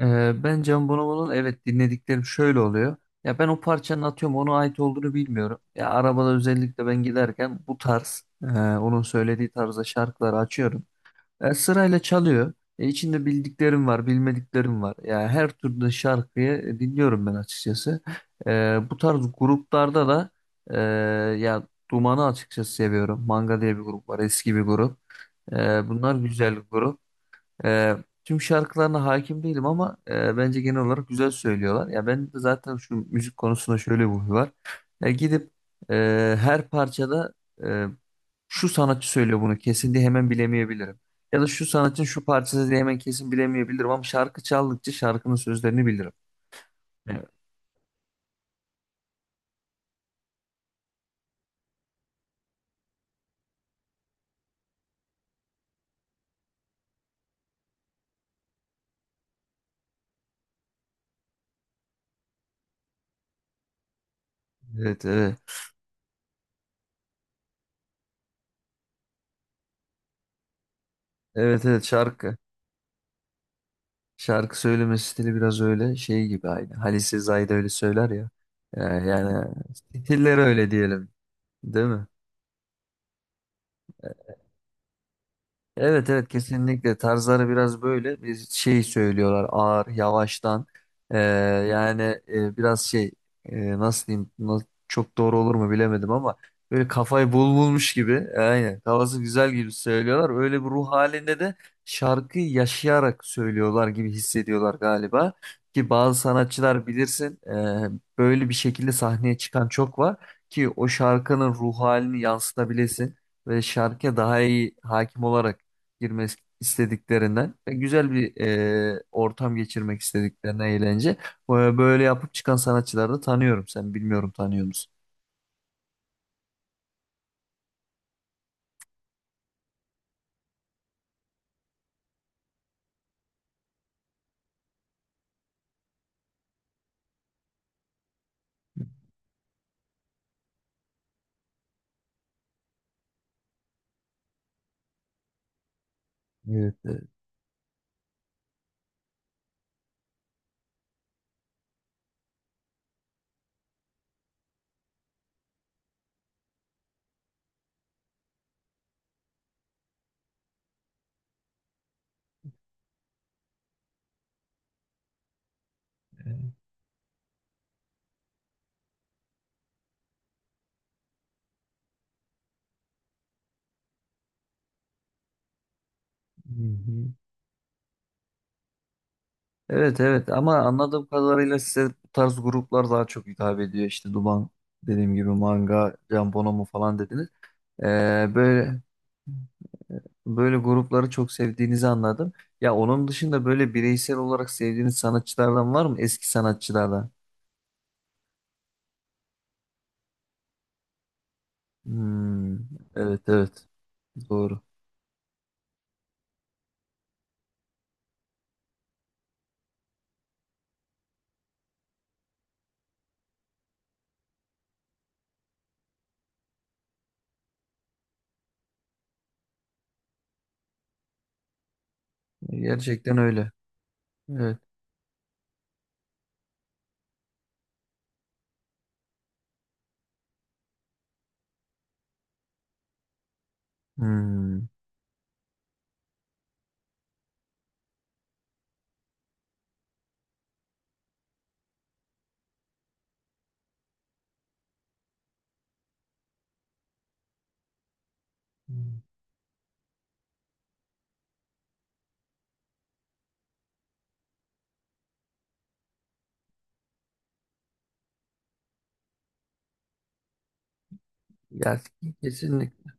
Ben Can Bonomo'nun, evet, dinlediklerim şöyle oluyor. Ya ben o parçanın, atıyorum, ona ait olduğunu bilmiyorum. Ya arabada özellikle ben giderken bu tarz, onun söylediği tarzda şarkıları açıyorum. Sırayla çalıyor. İçinde bildiklerim var, bilmediklerim var. Ya her türlü şarkıyı dinliyorum ben açıkçası. Bu tarz gruplarda da e, ya Duman'ı açıkçası seviyorum. Manga diye bir grup var, eski bir grup. Bunlar güzel bir grup. Ee, Tüm şarkılarına hakim değilim ama bence genel olarak güzel söylüyorlar. Ya ben de zaten şu müzik konusunda şöyle bir huy var. Ya gidip e, her parçada e, şu sanatçı söylüyor bunu kesin diye hemen bilemeyebilirim. Ya da şu sanatçının şu parçası diye hemen kesin bilemeyebilirim ama şarkı çaldıkça şarkının sözlerini bilirim. Evet. Evet, evet. Evet, evet, şarkı. Şarkı söyleme stili biraz öyle şey gibi aynı. Halise Zayda öyle söyler ya. Yani stilleri öyle diyelim. Değil mi? Evet, evet, kesinlikle tarzları biraz böyle bir şey söylüyorlar, ağır yavaştan. Ee, yani biraz nasıl diyeyim, çok doğru olur mu bilemedim ama böyle kafayı bulmuş gibi, aynen, kafası güzel gibi söylüyorlar, öyle bir ruh halinde de şarkıyı yaşayarak söylüyorlar gibi hissediyorlar galiba. Ki bazı sanatçılar bilirsin, böyle bir şekilde sahneye çıkan çok var ki o şarkının ruh halini yansıtabilesin ve şarkıya daha iyi hakim olarak girmek istediklerinden ve güzel bir ortam geçirmek istediklerinden, eğlence. Böyle böyle yapıp çıkan sanatçıları da tanıyorum. Sen bilmiyorum, tanıyor musun? Evet. Hı hı. Evet, evet, ama anladığım kadarıyla size bu tarz gruplar daha çok hitap ediyor. İşte Duman dediğim gibi, Manga, Can Bonomo falan dediniz. Böyle böyle grupları çok sevdiğinizi anladım. Ya onun dışında böyle bireysel olarak sevdiğiniz sanatçılardan var mı? Eski sanatçılardan. Hmm, evet, evet, doğru. Gerçekten öyle. Evet. Hmm. Ya, kesinlikle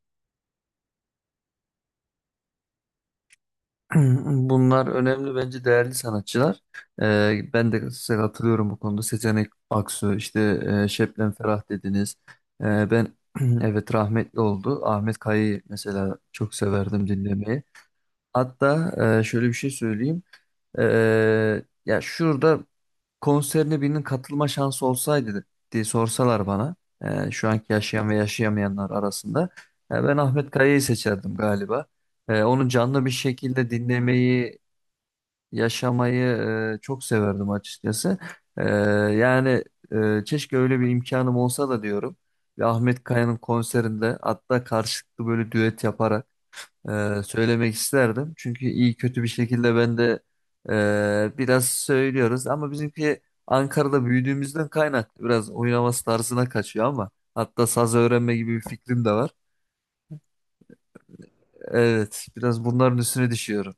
bunlar önemli, bence değerli sanatçılar. Ben de size katılıyorum bu konuda. Seçenek Aksu, işte Şebnem Ferah dediniz. Ben evet, rahmetli oldu. Ahmet Kaya'yı mesela çok severdim dinlemeyi. Hatta şöyle bir şey söyleyeyim. Ya şurada konserine birinin katılma şansı olsaydı diye sorsalar bana, şu anki yaşayan ve yaşayamayanlar arasında, ben Ahmet Kaya'yı seçerdim galiba. Onu canlı bir şekilde dinlemeyi, yaşamayı çok severdim açıkçası. E, yani keşke öyle bir imkanım olsa da diyorum. Ve Ahmet Kaya'nın konserinde hatta karşılıklı böyle düet yaparak söylemek isterdim. Çünkü iyi kötü bir şekilde ben de biraz söylüyoruz ama bizimki Ankara'da büyüdüğümüzden kaynaklı biraz oynaması tarzına kaçıyor ama hatta saz öğrenme gibi bir fikrim de var. Evet, biraz bunların üstüne düşüyorum.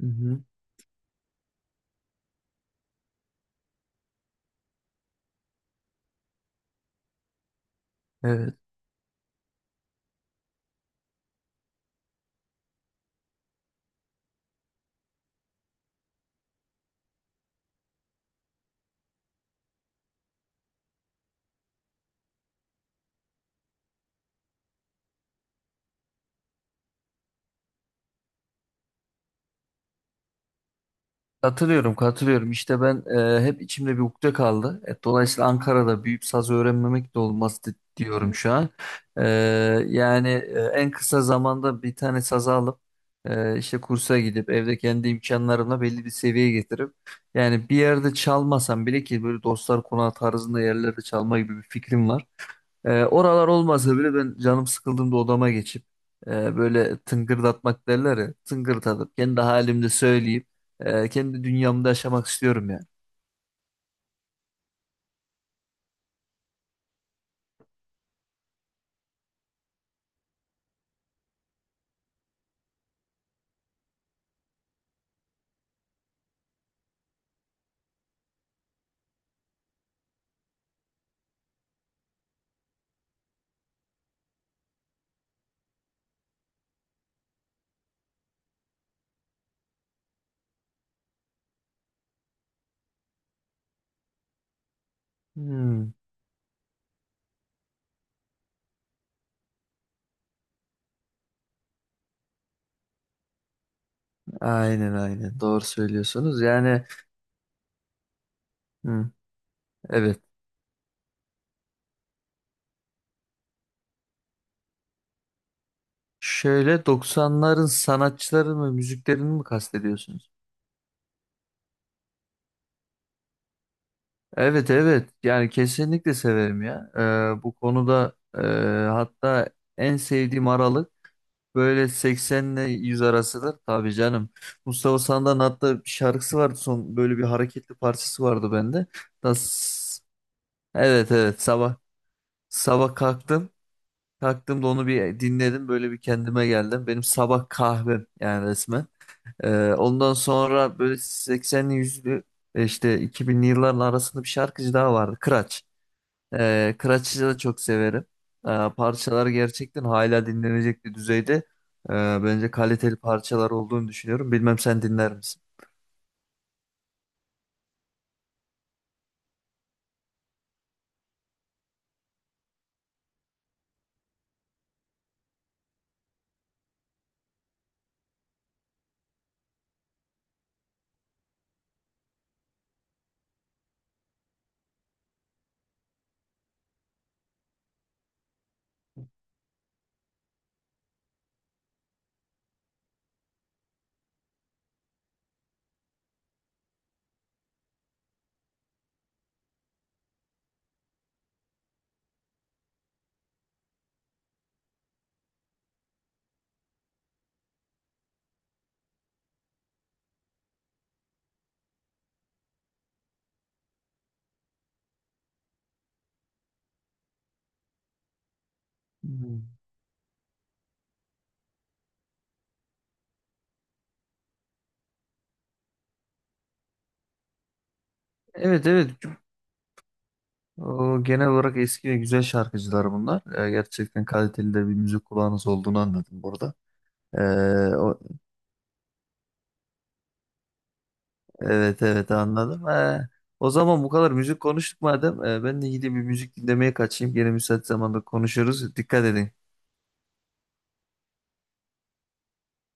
Hı hı. Evet. Katılıyorum, katılıyorum. İşte ben, hep içimde bir ukde kaldı. Dolayısıyla Ankara'da büyüyüp saz öğrenmemek de olmaz diyorum şu an. E, en kısa zamanda bir tane saz alıp, işte kursa gidip evde kendi imkanlarımla belli bir seviyeye getirip, yani bir yerde çalmasam bile, ki böyle dostlar konağı tarzında yerlerde çalma gibi bir fikrim var. Oralar olmasa bile ben canım sıkıldığımda odama geçip e, böyle tıngırdatmak derler ya, tıngırdatıp kendi halimde söyleyip kendi dünyamda yaşamak istiyorum yani. Hmm, aynen aynen, doğru söylüyorsunuz yani. hı, evet. Şöyle 90'ların sanatçılarını mı, müziklerini mi kastediyorsunuz? Evet, evet, yani kesinlikle severim ya. Bu konuda, hatta en sevdiğim aralık böyle 80 ile 100 arasıdır. Tabii canım. Mustafa Sandal'ın hatta bir şarkısı vardı, son böyle bir hareketli parçası vardı bende. Das, evet, evet, sabah sabah kalktım. Kalktım da onu bir dinledim, böyle bir kendime geldim. Benim sabah kahvem yani resmen. Ondan sonra böyle 80'li 100'lü, işte 2000'li yılların arasında bir şarkıcı daha vardı. Kıraç. Kıraç'ı da çok severim. Parçalar gerçekten hala dinlenecek bir düzeyde. Ee, Bence kaliteli parçalar olduğunu düşünüyorum. Bilmem sen dinler misin? Hmm. Evet, evet. O, genel olarak eski ve güzel şarkıcılar bunlar. Gerçekten kaliteli de bir müzik kulağınız olduğunu anladım burada. Ee, Evet, evet, anladım. O zaman bu kadar müzik konuştuk madem. Ben de gidip bir müzik dinlemeye kaçayım. Gene müsait zamanda konuşuruz. Dikkat edin.